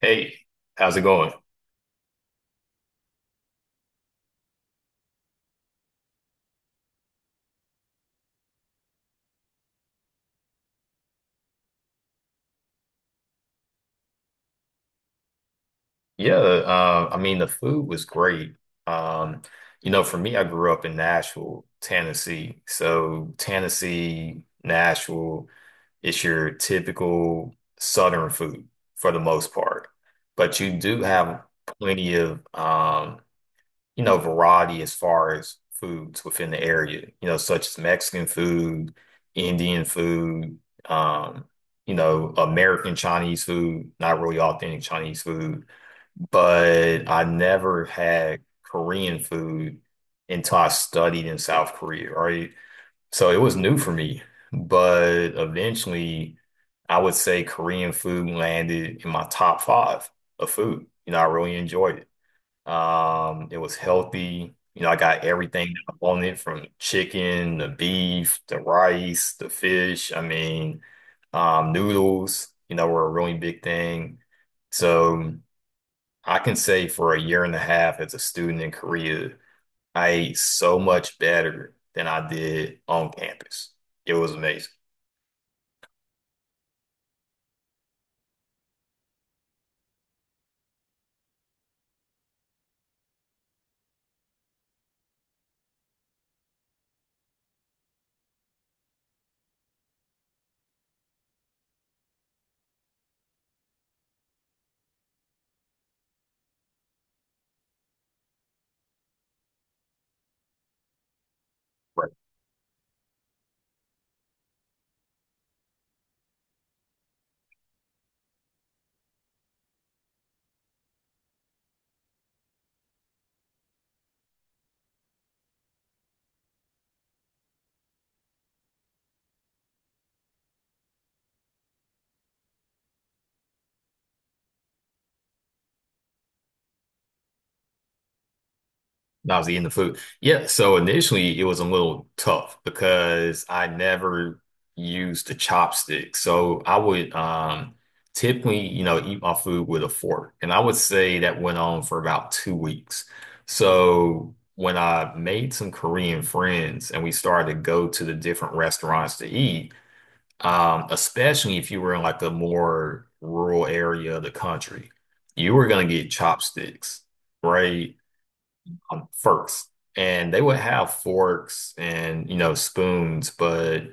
Hey, how's it going? Yeah, I mean the food was great. Um, for me, I grew up in Nashville, Tennessee. So Tennessee, Nashville, it's your typical Southern food for the most part, but you do have plenty of variety as far as foods within the area, you know, such as Mexican food, Indian food, um, American Chinese food, not really authentic Chinese food. But I never had Korean food until I studied in South Korea, right? So it was new for me. But eventually, I would say Korean food landed in my top five of food. You know, I really enjoyed it. It was healthy. You know, I got everything that I wanted from chicken, the beef, the rice, the fish. I mean, noodles, you know, were a really big thing. So I can say for a year and a half as a student in Korea, I ate so much better than I did on campus. It was amazing. I was eating the food. Yeah, so initially it was a little tough because I never used the chopstick. So I would typically, you know, eat my food with a fork. And I would say that went on for about 2 weeks. So when I made some Korean friends and we started to go to the different restaurants to eat, especially if you were in like a more rural area of the country, you were gonna get chopsticks, right? Forks, and they would have forks and you know spoons, but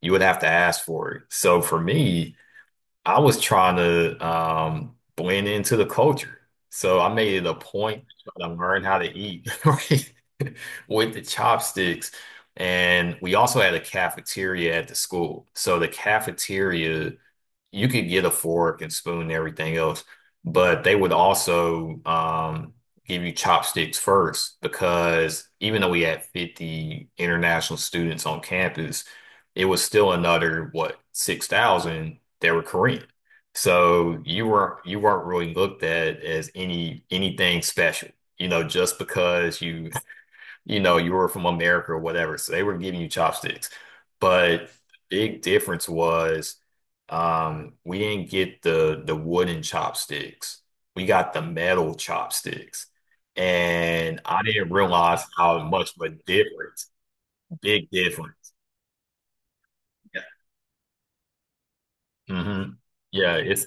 you would have to ask for it. So for me, I was trying to blend into the culture, so I made it a point to try to learn how to eat right with the chopsticks. And we also had a cafeteria at the school. So the cafeteria you could get a fork and spoon and everything else, but they would also give you chopsticks first because even though we had 50 international students on campus, it was still another, what, 6,000 that were Korean. So you weren't really looked at as anything special, you know, just because you were from America or whatever. So they were giving you chopsticks. But big difference was, we didn't get the wooden chopsticks. We got the metal chopsticks. And I didn't realize how much of a difference, big difference. Yeah. Hmm. Yeah, it's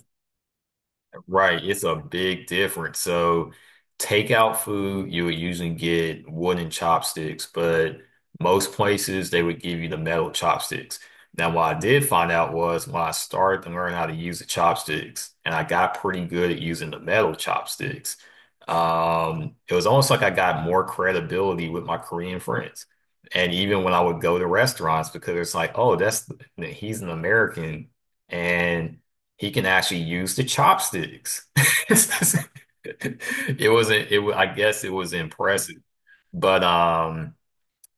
right, it's a big difference. So, takeout food, you would usually get wooden chopsticks, but most places they would give you the metal chopsticks. Now, what I did find out was when I started to learn how to use the chopsticks, and I got pretty good at using the metal chopsticks, it was almost like I got more credibility with my Korean friends. And even when I would go to restaurants, because it's like, oh, that's he's an American. And he can actually use the chopsticks. It wasn't it wa- I guess it was impressive. But um,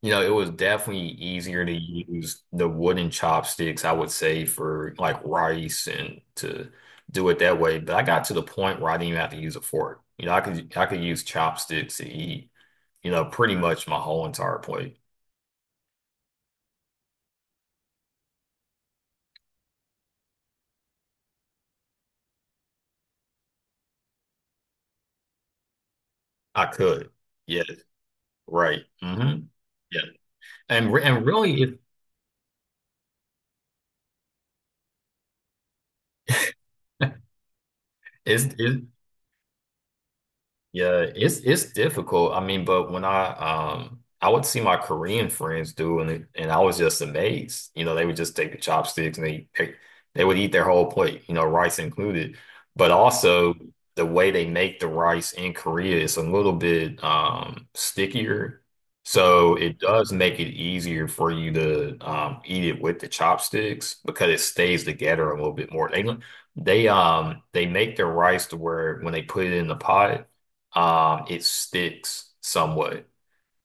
you know, it was definitely easier to use the wooden chopsticks, I would say, for like rice and to do it that way. But I got to the point where I didn't even have to use a fork. You know, I could use chopsticks to eat, you know, pretty much my whole entire plate. I could. Yes. Right. Hmm. Yeah. And really it is yeah, it's difficult. I mean, but when I would see my Korean friends do and I was just amazed. You know, they would just take the chopsticks and they would eat their whole plate, you know, rice included. But also the way they make the rice in Korea is a little bit stickier. So it does make it easier for you to eat it with the chopsticks because it stays together a little bit more. They make their rice to where when they put it in the pot, it sticks somewhat.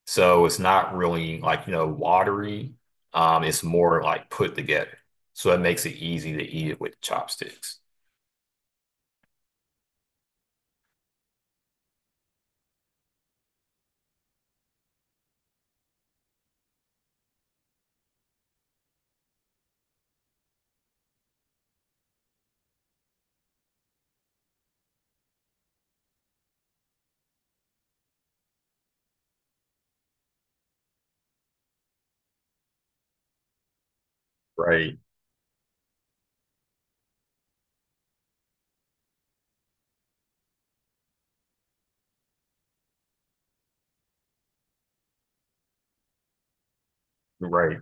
So it's not really like, you know, watery. It's more like put together. So it makes it easy to eat it with chopsticks. Right, right.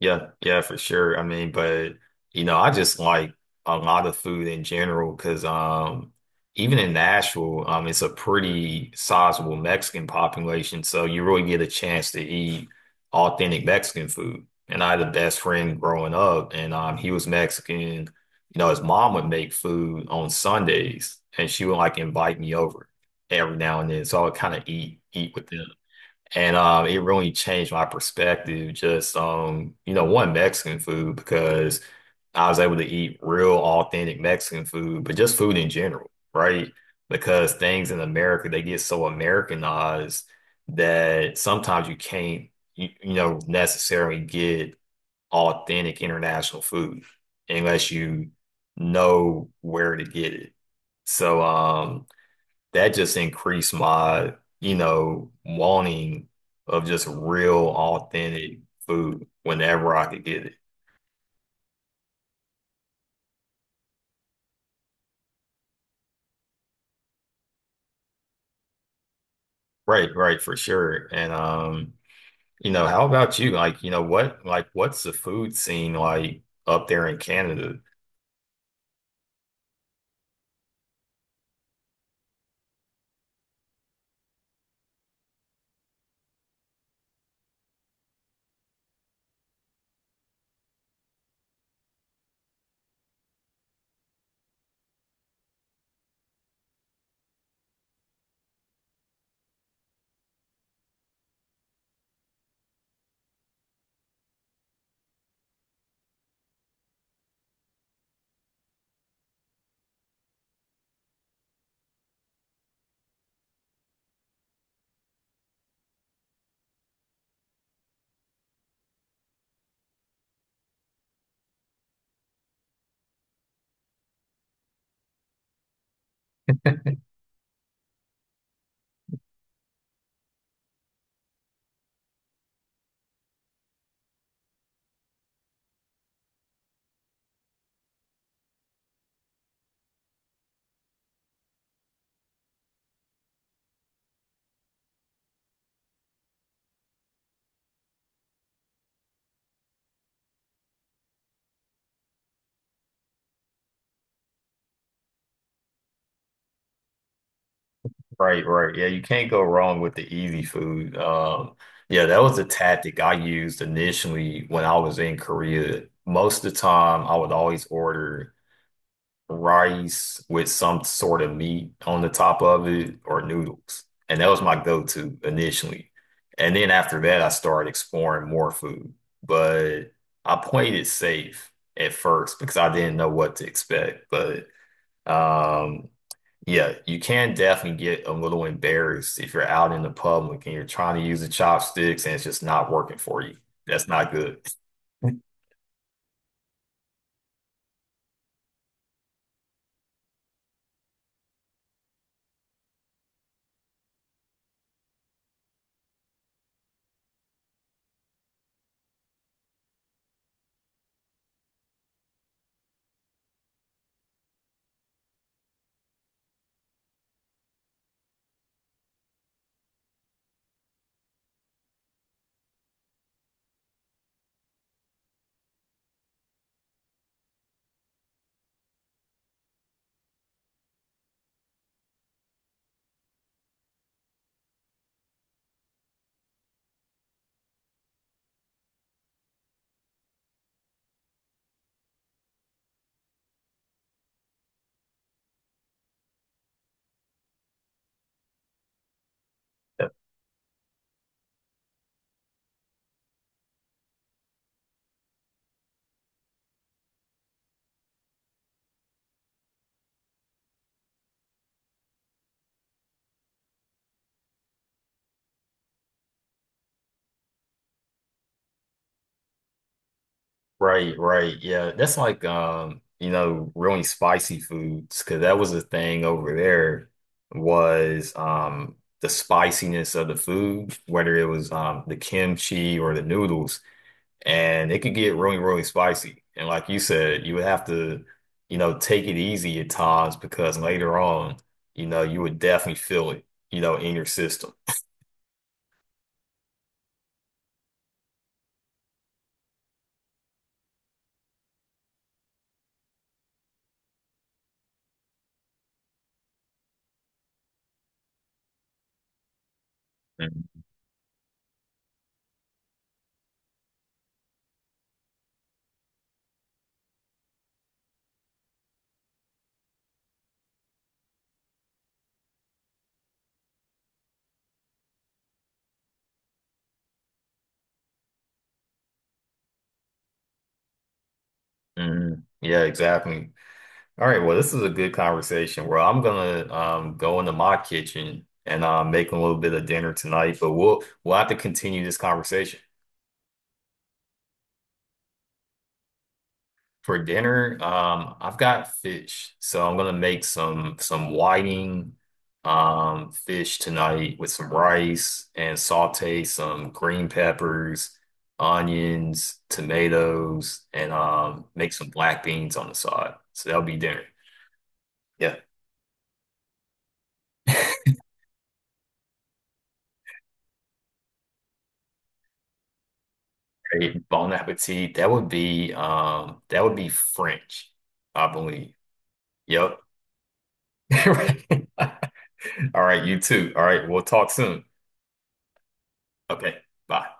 Yeah, yeah, for sure. I mean, but you know, I just like a lot of food in general because even in Nashville, it's a pretty sizable Mexican population, so you really get a chance to eat authentic Mexican food. And I had a best friend growing up and he was Mexican. You know, his mom would make food on Sundays and she would like invite me over every now and then. So I would kind of eat with them. And it really changed my perspective, just one Mexican food because I was able to eat real authentic Mexican food, but just food in general, right? Because things in America, they get so Americanized that sometimes you can't necessarily get authentic international food unless you know where to get it. So, that just increased my, you know, wanting of just real authentic food whenever I could get it. Right, right, for sure. And you know, how about you? Like, you know, what's the food scene like up there in Canada? Right, right. Yeah, you can't go wrong with the easy food. Yeah, that was a tactic I used initially when I was in Korea. Most of the time, I would always order rice with some sort of meat on the top of it or noodles. And that was my go-to initially. And then after that, I started exploring more food. But I played it safe at first because I didn't know what to expect. But um, yeah, you can definitely get a little embarrassed if you're out in the public and you're trying to use the chopsticks and it's just not working for you. That's not good. Right, right. Yeah, that's like really spicy foods because that was the thing over there was the spiciness of the food, whether it was the kimchi or the noodles, and it could get really, really spicy. And like you said, you would have to, you know, take it easy at times because later on, you know, you would definitely feel it, you know, in your system. Mhm. Mhm. Yeah, exactly. All right, well, this is a good conversation. Well, I'm gonna go into my kitchen and make a little bit of dinner tonight, but we'll have to continue this conversation. For dinner, I've got fish, so I'm gonna make some whiting fish tonight with some rice and saute some green peppers, onions, tomatoes, and make some black beans on the side. So that'll be dinner. Yeah. Great. Bon appetit. That would be French, I believe. Yep. All right, you too. All right, we'll talk soon. Okay, bye.